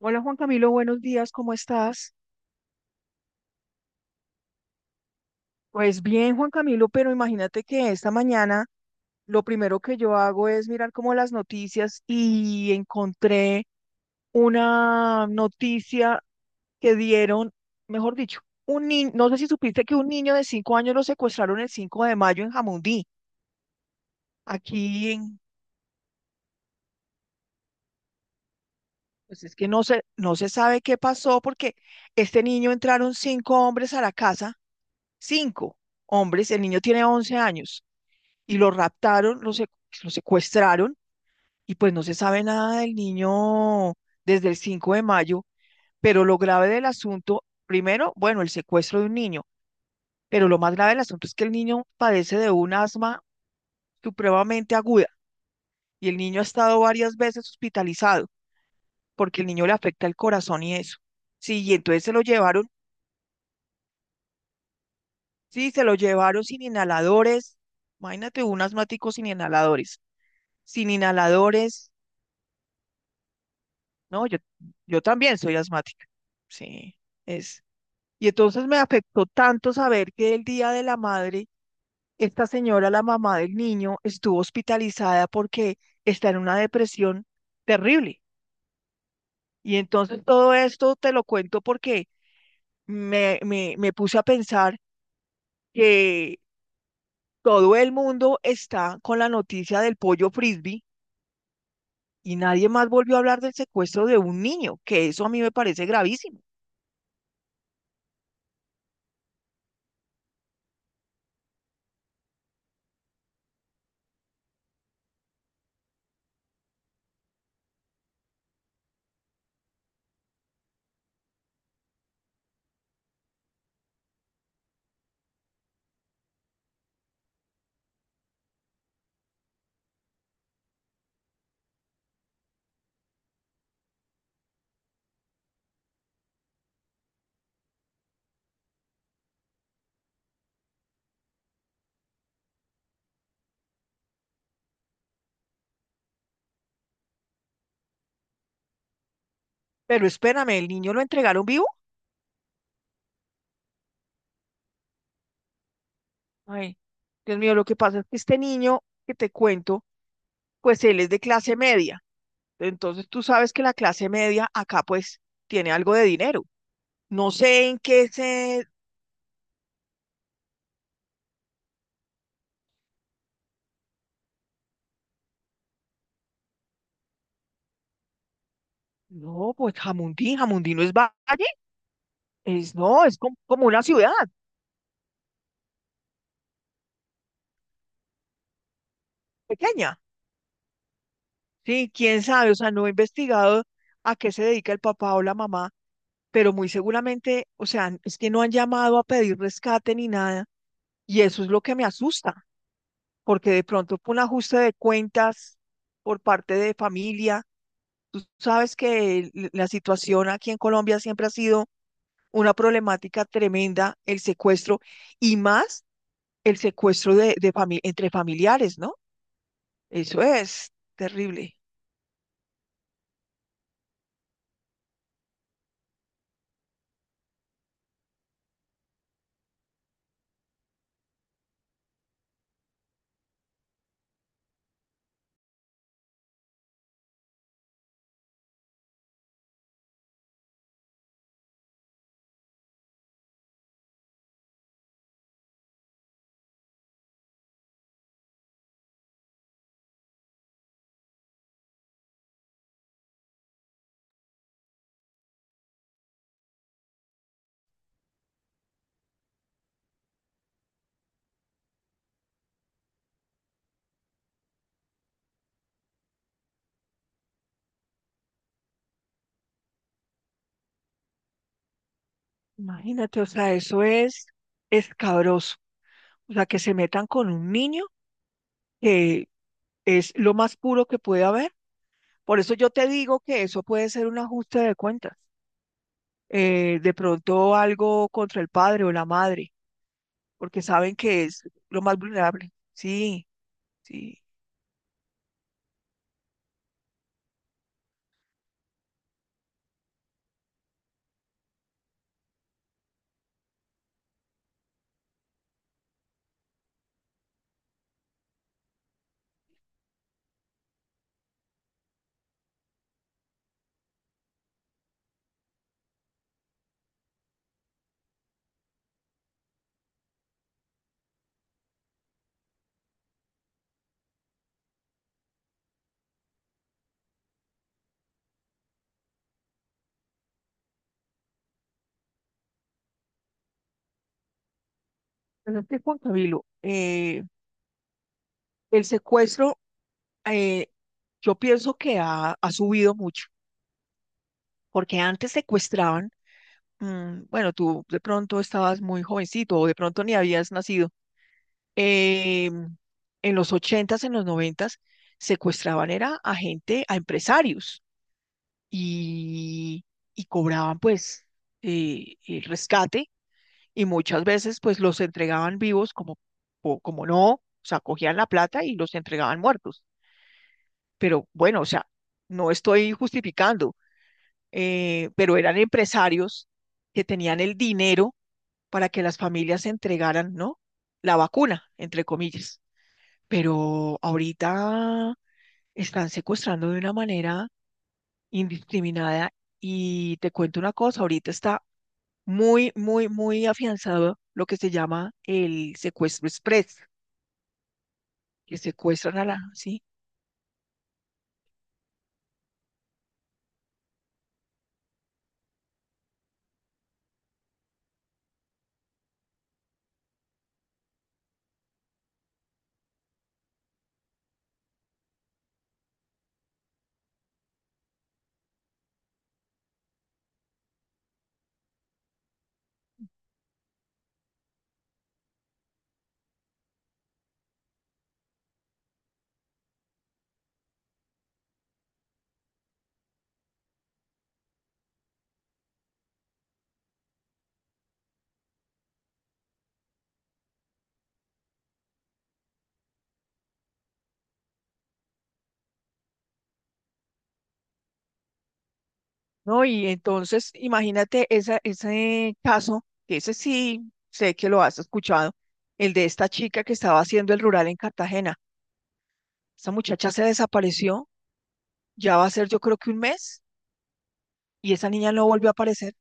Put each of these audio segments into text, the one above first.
Hola Juan Camilo, buenos días, ¿cómo estás? Pues bien, Juan Camilo, pero imagínate que esta mañana lo primero que yo hago es mirar como las noticias y encontré una noticia que dieron, mejor dicho, un niño, no sé si supiste que un niño de 5 años lo secuestraron el 5 de mayo en Jamundí, aquí en, pues es que no se sabe qué pasó porque este niño entraron cinco hombres a la casa, cinco hombres, el niño tiene 11 años y lo raptaron, lo secuestraron y pues no se sabe nada del niño desde el 5 de mayo, pero lo grave del asunto, primero, bueno, el secuestro de un niño, pero lo más grave del asunto es que el niño padece de un asma supremamente aguda y el niño ha estado varias veces hospitalizado porque el niño le afecta el corazón y eso. Sí, y entonces se lo llevaron, sí, se lo llevaron sin inhaladores, imagínate un asmático sin inhaladores, sin inhaladores. No, yo también soy asmática. Sí, es. Y entonces me afectó tanto saber que el día de la madre, esta señora, la mamá del niño, estuvo hospitalizada porque está en una depresión terrible. Y entonces todo esto te lo cuento porque me puse a pensar que todo el mundo está con la noticia del pollo frisbee y nadie más volvió a hablar del secuestro de un niño, que eso a mí me parece gravísimo. Pero espérame, ¿el niño lo entregaron vivo? Ay, Dios mío, lo que pasa es que este niño que te cuento, pues él es de clase media. Entonces tú sabes que la clase media acá pues tiene algo de dinero. No sé en qué se. No, pues Jamundí, Jamundí no es valle, es no, como una ciudad pequeña. Sí, quién sabe, o sea, no he investigado a qué se dedica el papá o la mamá, pero muy seguramente, o sea, es que no han llamado a pedir rescate ni nada, y eso es lo que me asusta, porque de pronto un ajuste de cuentas por parte de familia. Tú sabes que la situación aquí en Colombia siempre ha sido una problemática tremenda, el secuestro y más el secuestro entre familiares, ¿no? Eso es terrible. Imagínate, o sea, eso es escabroso. O sea, que se metan con un niño que es lo más puro que puede haber. Por eso yo te digo que eso puede ser un ajuste de cuentas, de pronto algo contra el padre o la madre, porque saben que es lo más vulnerable. Sí, sí. Pero es que Juan Camilo, el secuestro, eh, yo pienso que ha subido mucho, porque antes secuestraban, bueno, tú de pronto estabas muy jovencito o de pronto ni habías nacido. eh, en los 80s, en los 90s, secuestraban era a gente, a empresarios. y, y cobraban pues el rescate, y muchas veces pues los entregaban vivos como, o como no, o sea, cogían la plata y los entregaban muertos. Pero bueno, o sea, no estoy justificando, pero eran empresarios que tenían el dinero para que las familias entregaran, ¿no? La vacuna, entre comillas. Pero ahorita están secuestrando de una manera indiscriminada y te cuento una cosa, ahorita está muy, muy, muy afianzado lo que se llama el secuestro express, que secuestran a la, ¿sí? ¿No? Y entonces, imagínate ese caso, que ese sí sé que lo has escuchado, el de esta chica que estaba haciendo el rural en Cartagena. Esa muchacha se desapareció, ya va a ser yo creo que un mes, y esa niña no volvió a aparecer.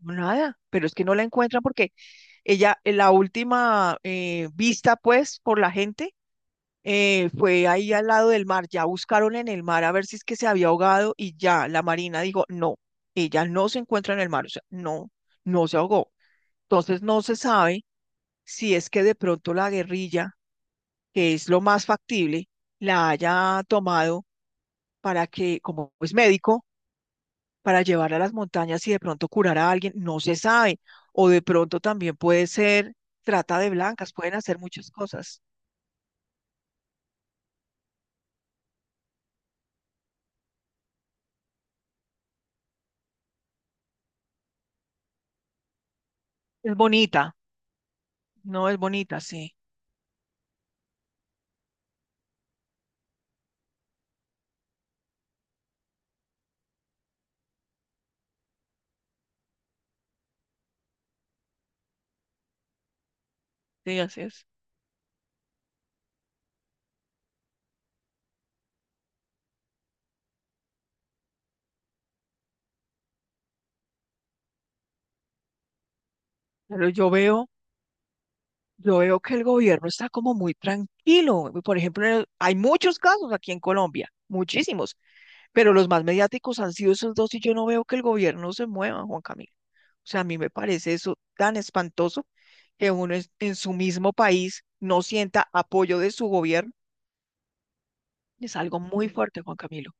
No, nada, pero es que no la encuentran porque ella, en la última vista, pues, por la gente, fue ahí al lado del mar, ya buscaron en el mar a ver si es que se había ahogado y ya la marina dijo, no, ella no se encuentra en el mar, o sea, no, no se ahogó. Entonces no se sabe si es que de pronto la guerrilla, que es lo más factible, la haya tomado para que, como es médico, para llevar a las montañas y de pronto curar a alguien, no se sabe. O de pronto también puede ser trata de blancas, pueden hacer muchas cosas. Es bonita, no es bonita, sí, sí, así es. Pero yo veo que el gobierno está como muy tranquilo. Por ejemplo, hay muchos casos aquí en Colombia, muchísimos, pero los más mediáticos han sido esos dos y yo no veo que el gobierno se mueva, Juan Camilo. O sea, a mí me parece eso tan espantoso que uno en su mismo país no sienta apoyo de su gobierno. Es algo muy fuerte, Juan Camilo.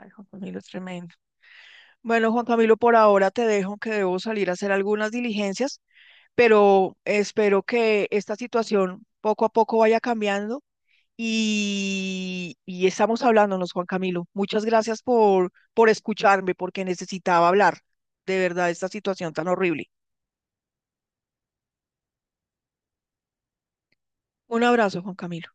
Ay, Juan Camilo, es tremendo. Bueno, Juan Camilo, por ahora te dejo que debo salir a hacer algunas diligencias, pero espero que esta situación poco a poco vaya cambiando, y estamos hablándonos, Juan Camilo. Muchas gracias por escucharme, porque necesitaba hablar de verdad de esta situación tan horrible. Un abrazo, Juan Camilo.